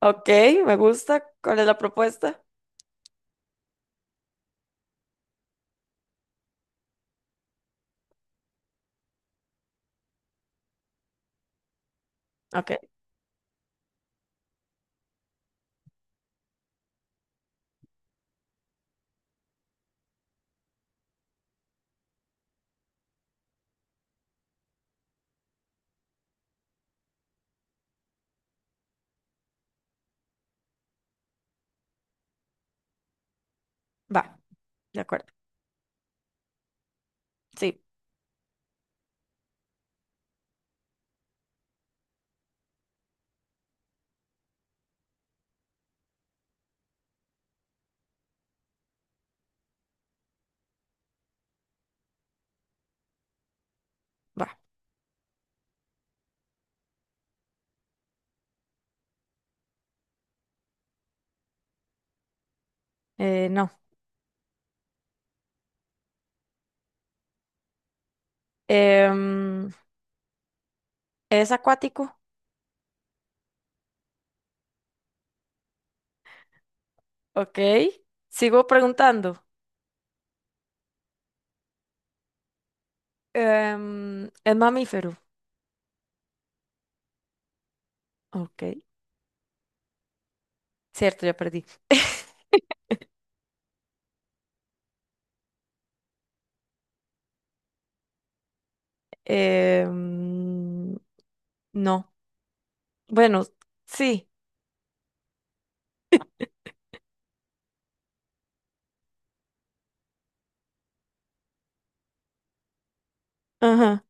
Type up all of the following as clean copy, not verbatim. Ok, me gusta. ¿Cuál es la propuesta? Ok, va, de acuerdo. Sí, va. No. Em, ¿Es acuático? Ok. Sigo preguntando. ¿Es mamífero? Ok. Cierto, ya perdí. Em, no. Bueno, sí. Ajá.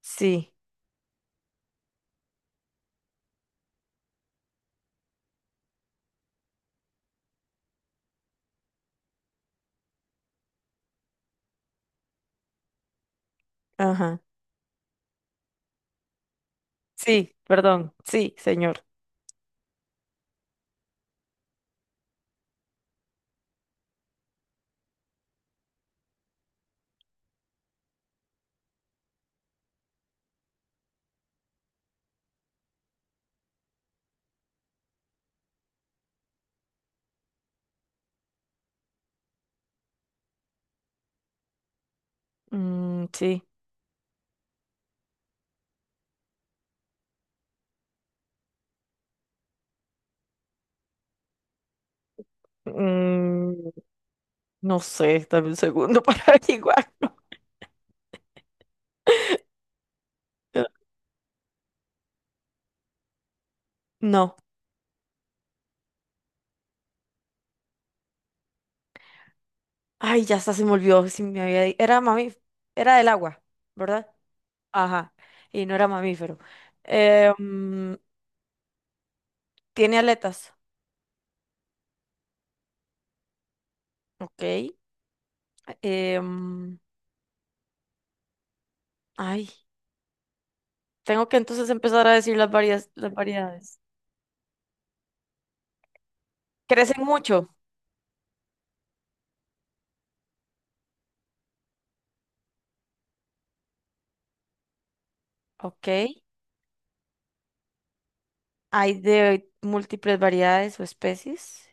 Sí. Ajá. Sí, perdón. Sí, señor. Mm, sí. Mm, no sé, dame un segundo para averiguarlo. No. Ay, ya hasta se me olvidó si me había Era mamí... Era del agua, ¿verdad? Ajá. Y no era mamífero. Eh, mm, Tiene aletas. Ok. Eh, mm, ay, Tengo que entonces empezar a decir las variedades. Crecen mucho. Ok. Hay de múltiples variedades o especies.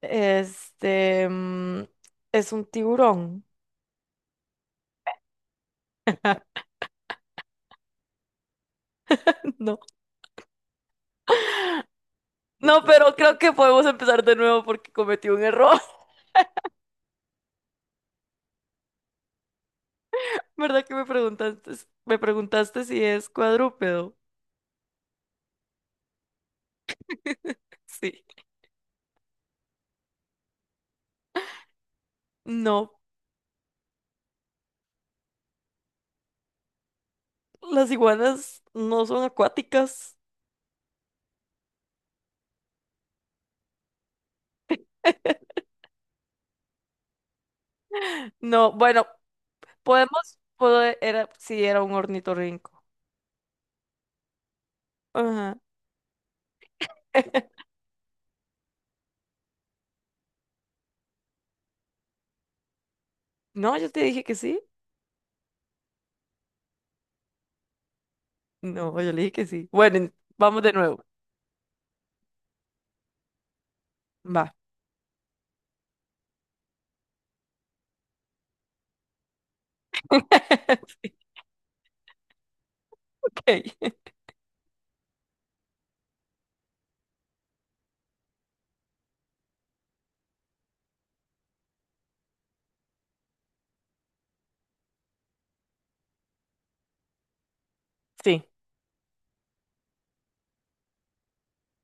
Este, mm, es un tiburón. No. No, pero creo que podemos empezar de nuevo porque cometí un error. ¿Verdad que me preguntaste si es cuadrúpedo? Sí. No, las iguanas no son acuáticas. No, bueno, era, sí, era un ornitorrinco. Ajá. No, yo te dije que sí. No, yo le dije que sí. Bueno, vamos de nuevo. Va. Ok. Sí,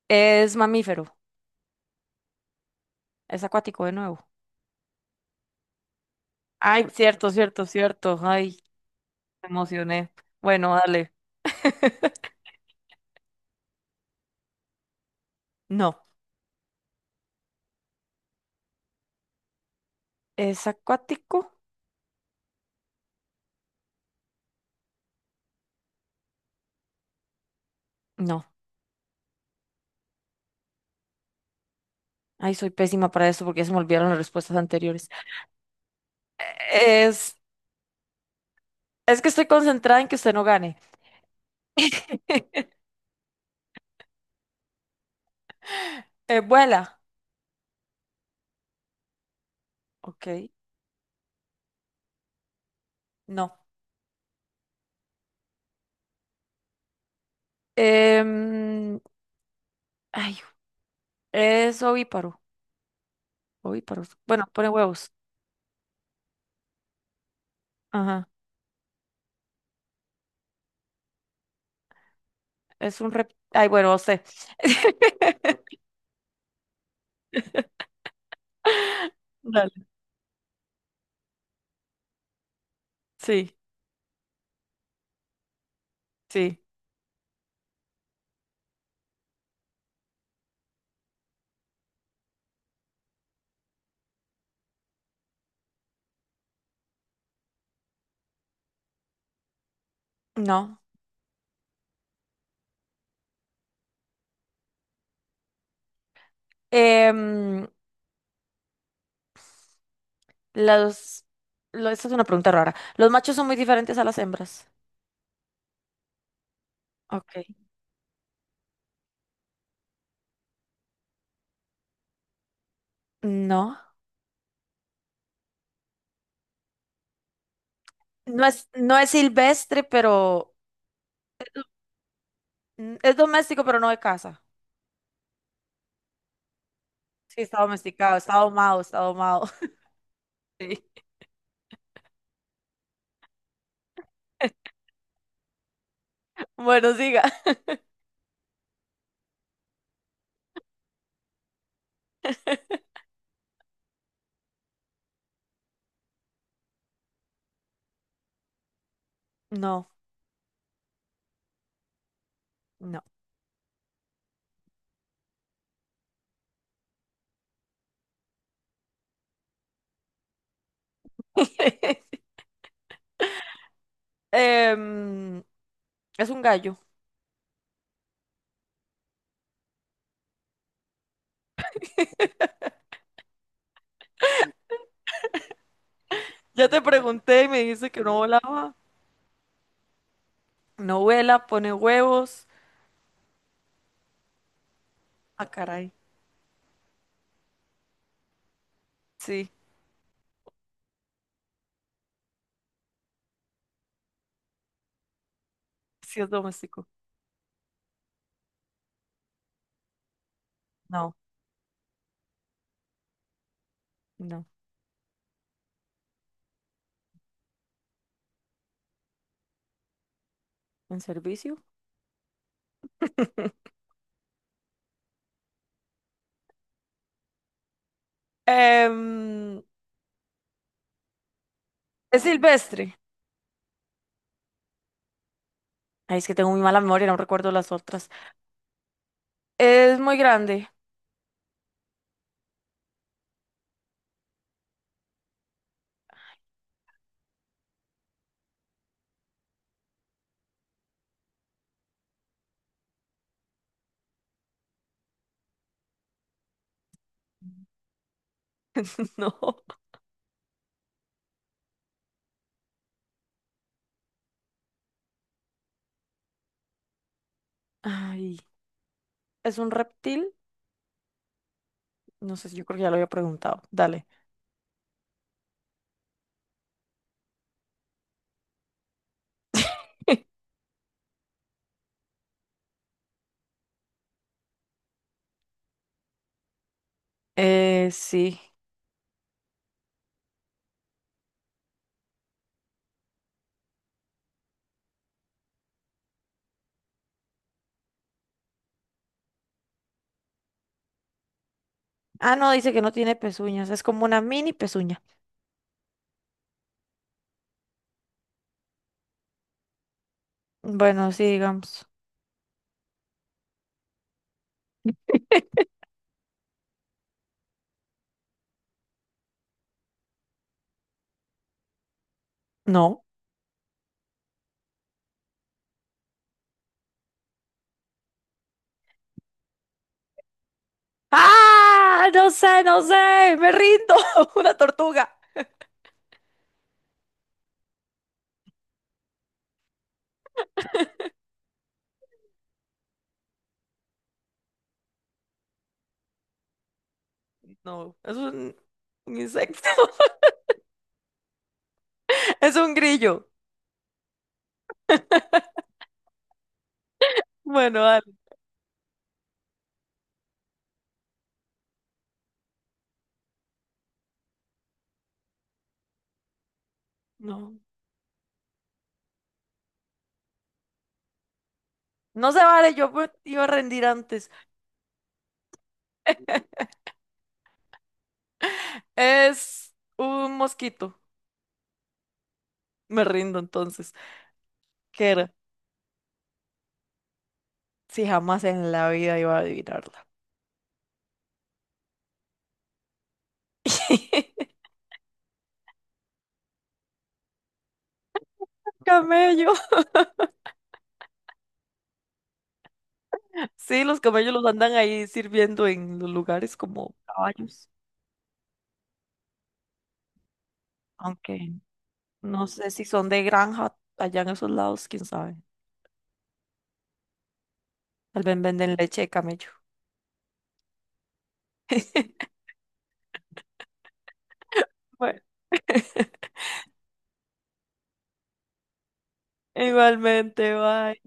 es mamífero, es acuático de nuevo. Ay, cierto, cierto, cierto. Ay, me emocioné. Bueno, dale. No, es acuático. No. Ay, soy pésima para eso porque ya se me olvidaron las respuestas anteriores. Es, es que estoy concentrada en que usted no gane. Vuela. Ok, no. Em, ay, es ovíparo. Ovíparo. Bueno, pone huevos. Ajá. Es un rep. Ay, bueno, usted. Dale. Sí, sí. No. Em, los, Esta es una pregunta rara. Los machos son muy diferentes a las hembras. Ok. No. No es, no es silvestre, pero mm, es doméstico, pero no de casa. Sí, está domesticado, está domado. Sí. Bueno, siga. No, no. Em, es un gallo. Ya te pregunté y me dijiste que no volaba. No vuela, pone huevos. Ah, caray. Sí, sí es doméstico. No, no. ¿En servicio? Em, es silvestre. Ay, es que tengo muy mala memoria, no recuerdo las otras. Es muy grande. No. Ay, ¿es un reptil? No sé, si, yo creo que ya lo había preguntado. Dale. Sí. Ah, no, dice que no tiene pezuñas. Es como una mini pezuña. Bueno, sí, digamos. No. ¡Ah! No sé, no sé. Me rindo. Una tortuga. No, un insecto. Es un grillo. Bueno, dale. No. No se vale, yo me iba a rendir antes. Es un mosquito. Me rindo entonces. ¿Qué era? Si jamás en la vida iba a adivinarla. Camello. Sí, los camellos los andan ahí sirviendo en los lugares como caballos, aunque no sé si son de granja allá en esos lados, quién sabe. Tal vez venden leche de camello. Bueno, igualmente, bye.